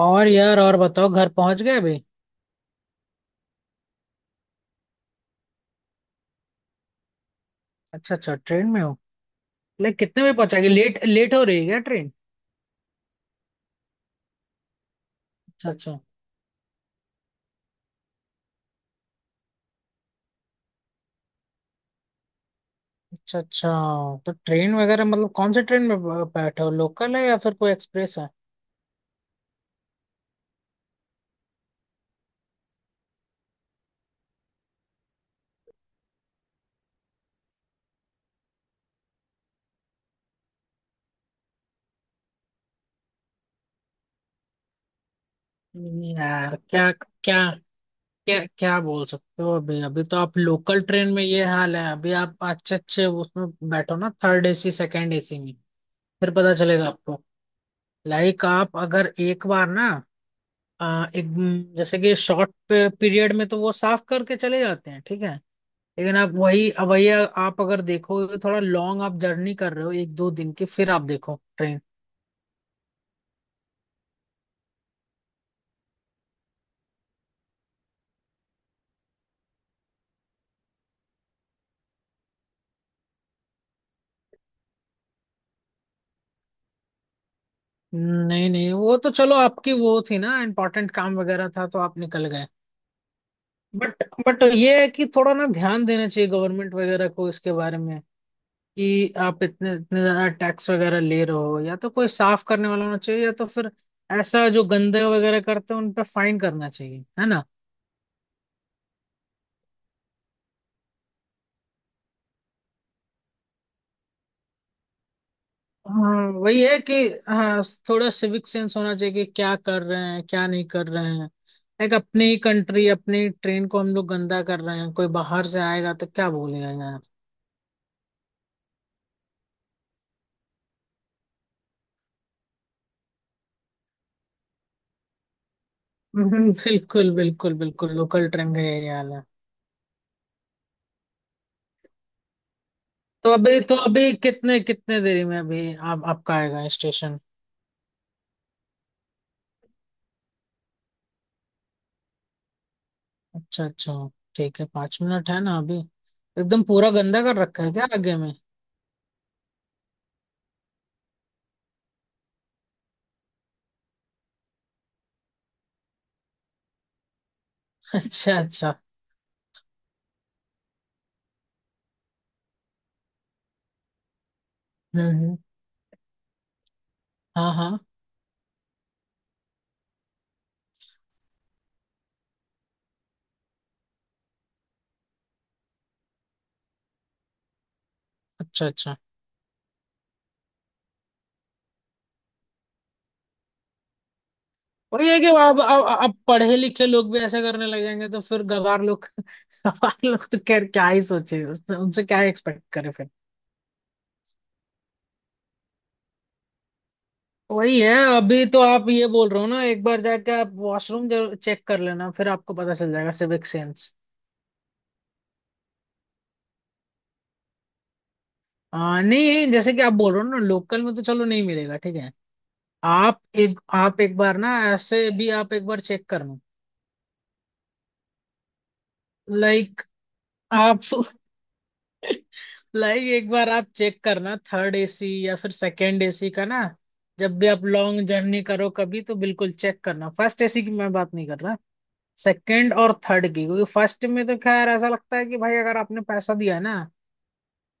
और यार और बताओ घर पहुंच गए अभी। अच्छा अच्छा, ट्रेन में हो। लाइक, कितने बजे पहुंचाएगी? लेट लेट हो रही है क्या ट्रेन? अच्छा अच्छा। अच्छा अच्छा। तो ट्रेन वगैरह, मतलब कौन से ट्रेन में बैठे हो? लोकल है या फिर कोई एक्सप्रेस है? यार क्या! क्या! क्या क्या बोल सकते हो? अभी अभी तो आप लोकल ट्रेन में, ये हाल है। अभी आप अच्छे अच्छे उसमें बैठो ना, थर्ड एसी सेकंड एसी में। फिर पता चलेगा आपको। लाइक, आप अगर एक बार ना, एक, जैसे कि शॉर्ट पीरियड में, तो वो साफ करके चले जाते हैं, ठीक है। लेकिन आप वही, अब वही आप अगर देखो, थोड़ा लॉन्ग आप जर्नी कर रहे हो, एक दो दिन की, फिर आप देखो ट्रेन। नहीं नहीं, वो तो चलो, आपकी वो थी ना, इम्पोर्टेंट काम वगैरह था तो आप निकल गए। बट ये है कि थोड़ा ना ध्यान देना चाहिए, गवर्नमेंट वगैरह को इसके बारे में। कि आप इतने इतने ज्यादा टैक्स वगैरह ले रहे हो, या तो कोई साफ करने वाला होना चाहिए, या तो फिर ऐसा जो गंदे वगैरह करते हैं उन पर फाइन करना चाहिए, है ना। हाँ वही है कि, हाँ, थोड़ा सिविक सेंस होना चाहिए कि क्या कर रहे हैं क्या नहीं कर रहे हैं। लाइक, अपनी ही कंट्री, अपनी ट्रेन को हम लोग गंदा कर रहे हैं, कोई बाहर से आएगा तो क्या बोलेगा यार। बिल्कुल बिल्कुल बिल्कुल, लोकल ट्रेन का यही हाल है। तो अभी कितने कितने देरी में अभी आप आपका आएगा स्टेशन? अच्छा अच्छा। ठीक है, 5 मिनट है ना अभी। एकदम पूरा गंदा कर रखा है क्या आगे में? अच्छा अच्छा। हम्म हम्म, हाँ हाँ। अच्छा अच्छा। वही है कि, अब पढ़े लिखे लोग भी ऐसे करने लग जाएंगे तो फिर गवार लोग गवार लोग तो खैर क्या ही सोचे, उनसे क्या एक्सपेक्ट करें फिर। वही है। अभी तो आप ये बोल रहे हो ना, एक बार जाके आप वॉशरूम जरूर चेक कर लेना, फिर आपको पता चल जाएगा सिविक सेंस। नहीं, जैसे कि आप बोल रहे हो ना लोकल में, तो चलो नहीं मिलेगा ठीक है। आप एक, आप एक बार ना, ऐसे भी आप एक बार चेक करना। लाइक आप लाइक, एक बार आप चेक करना थर्ड एसी या फिर सेकंड एसी का ना। जब भी आप लॉन्ग जर्नी करो कभी तो बिल्कुल चेक करना। फर्स्ट एसी की मैं बात नहीं कर रहा, सेकंड और थर्ड की। क्योंकि फर्स्ट में तो खैर ऐसा लगता है कि भाई, अगर आपने पैसा दिया ना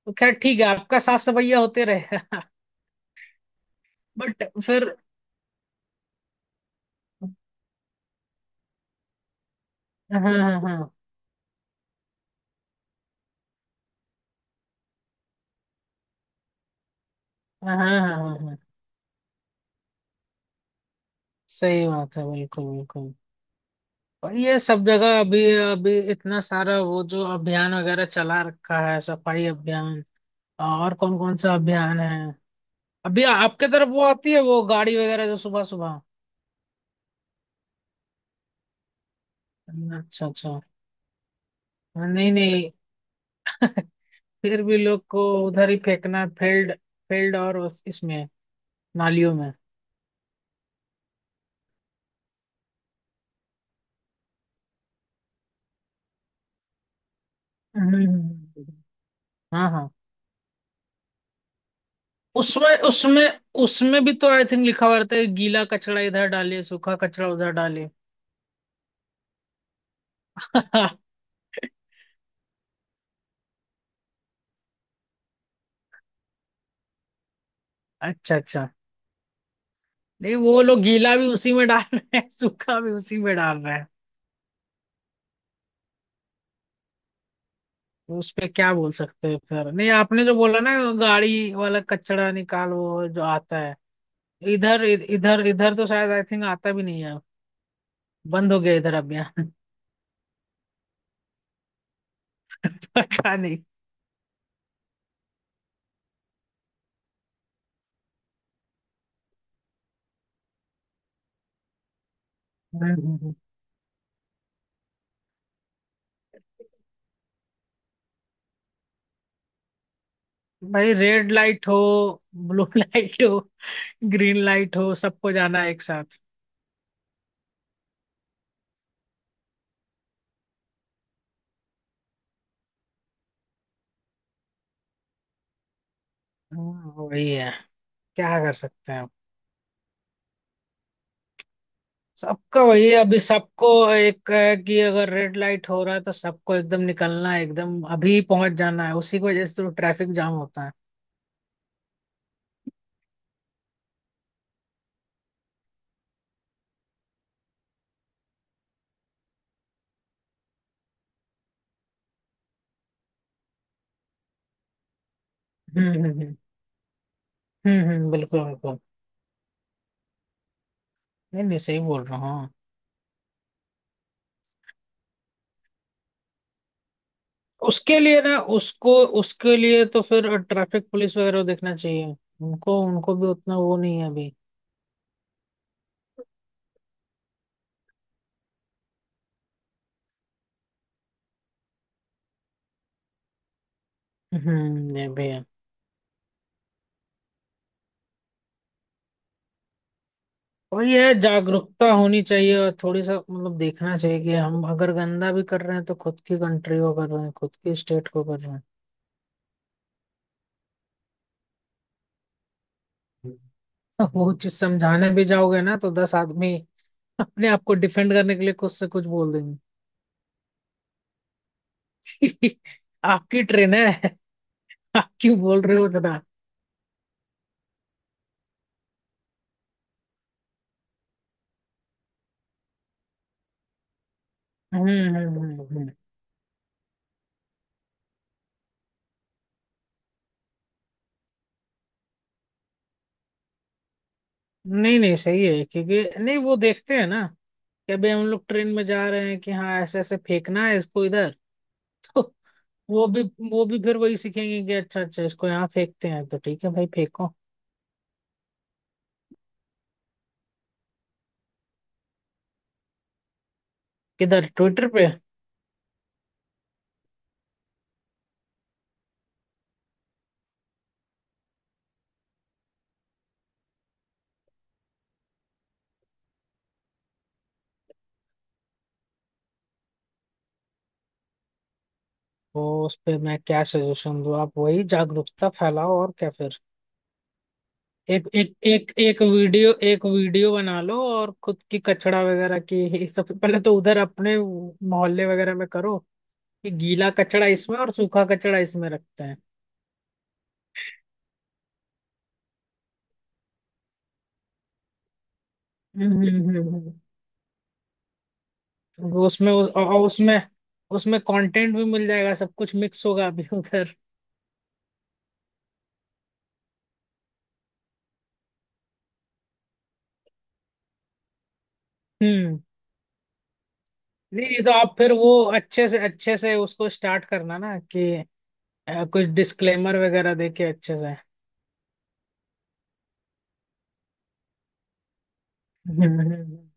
तो खैर ठीक है, आपका साफ सफाइया होते रहेगा। बट फिर, हाँ हाँ हाँ हाँ हाँ हाँ हाँ, हाँ, हाँ, सही बात है, बिल्कुल बिल्कुल। और ये सब जगह अभी अभी इतना सारा वो जो अभियान वगैरह चला रखा है, सफाई अभियान। और कौन कौन सा अभियान है? अभी आपके तरफ वो आती है वो गाड़ी वगैरह जो सुबह सुबह? अच्छा अच्छा। हाँ, नहीं नहीं। फिर भी लोग को उधर ही फेंकना है, फील्ड फील्ड और इसमें, नालियों में। हम्म। हाँ हाँ। उसमें उसमें उसमें भी तो आई थिंक लिखा हुआ रहता है, गीला कचरा इधर डालिए, सूखा कचरा उधर डालिए। अच्छा अच्छा। नहीं, वो लोग गीला भी उसी में डाल रहे हैं, सूखा भी उसी में डाल रहे हैं। उस पे क्या बोल सकते हैं फिर। नहीं, आपने जो बोला ना, गाड़ी वाला कचड़ा निकाल वो जो आता है, इधर इधर इधर तो शायद आई थिंक आता भी नहीं है, बंद हो गया इधर, अब यहाँ। पता नहीं। हम्म। भाई रेड लाइट हो, ब्लू लाइट हो, ग्रीन लाइट हो, सबको जाना है एक साथ। हाँ, वही है। क्या कर सकते हैं अब। सबका वही है, अभी सबको एक है कि अगर रेड लाइट हो रहा है तो सबको एकदम निकलना है, एकदम अभी पहुंच जाना है, उसी की वजह से तो ट्रैफिक जाम होता है। हम्म हम्म, बिल्कुल बिल्कुल। नहीं नहीं सही बोल रहा हूँ, हाँ। उसके लिए ना उसको, उसके लिए तो फिर ट्रैफिक पुलिस वगैरह को देखना चाहिए। उनको उनको भी उतना वो नहीं है अभी। हम्म, ये भी है। और ये जागरूकता होनी चाहिए, और थोड़ी सा मतलब देखना चाहिए कि हम अगर गंदा भी कर रहे हैं तो खुद की कंट्री को कर रहे हैं, खुद की स्टेट को कर रहे हैं। वो चीज समझाने भी जाओगे ना, तो 10 आदमी अपने आप को डिफेंड करने के लिए कुछ से कुछ बोल देंगे। आपकी ट्रेन है, आप क्यों बोल रहे हो इतना। हम्म। नहीं नहीं सही है क्योंकि, नहीं, वो देखते हैं ना कि अभी हम लोग ट्रेन में जा रहे हैं, कि हाँ, ऐसे ऐसे फेंकना है इसको इधर। तो वो भी वो भी फिर वही सीखेंगे कि अच्छा अच्छा इसको यहाँ फेंकते हैं तो ठीक है भाई फेंको। किधर, ट्विटर पे? तो उस पे मैं क्या सजेशन दूँ, आप वही जागरूकता फैलाओ और क्या फिर। एक एक एक एक वीडियो बना लो और खुद की कचड़ा वगैरह की। सबसे पहले तो उधर अपने मोहल्ले वगैरह में करो कि गीला कचड़ा इसमें और सूखा कचड़ा इसमें रखते हैं। हम्म। वो उसमें और उसमें उसमें कंटेंट भी मिल जाएगा, सब कुछ मिक्स होगा अभी उधर। हम्म। नहीं नहीं, तो आप फिर वो अच्छे से, अच्छे से उसको स्टार्ट करना ना कि कुछ डिस्क्लेमर वगैरह देके अच्छे से। हम्म हम्म, हम्म।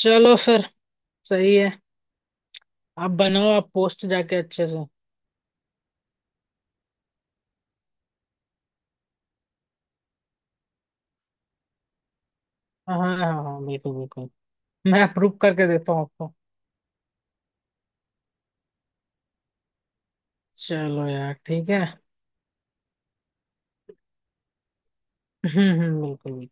चलो फिर, सही है, आप बनाओ, आप पोस्ट जाके अच्छे से। हाँ हाँ हाँ हाँ, बिल्कुल बिल्कुल, मैं अप्रूव करके देता हूँ आपको। चलो यार ठीक है। हम्म, बिल्कुल बिल्कुल।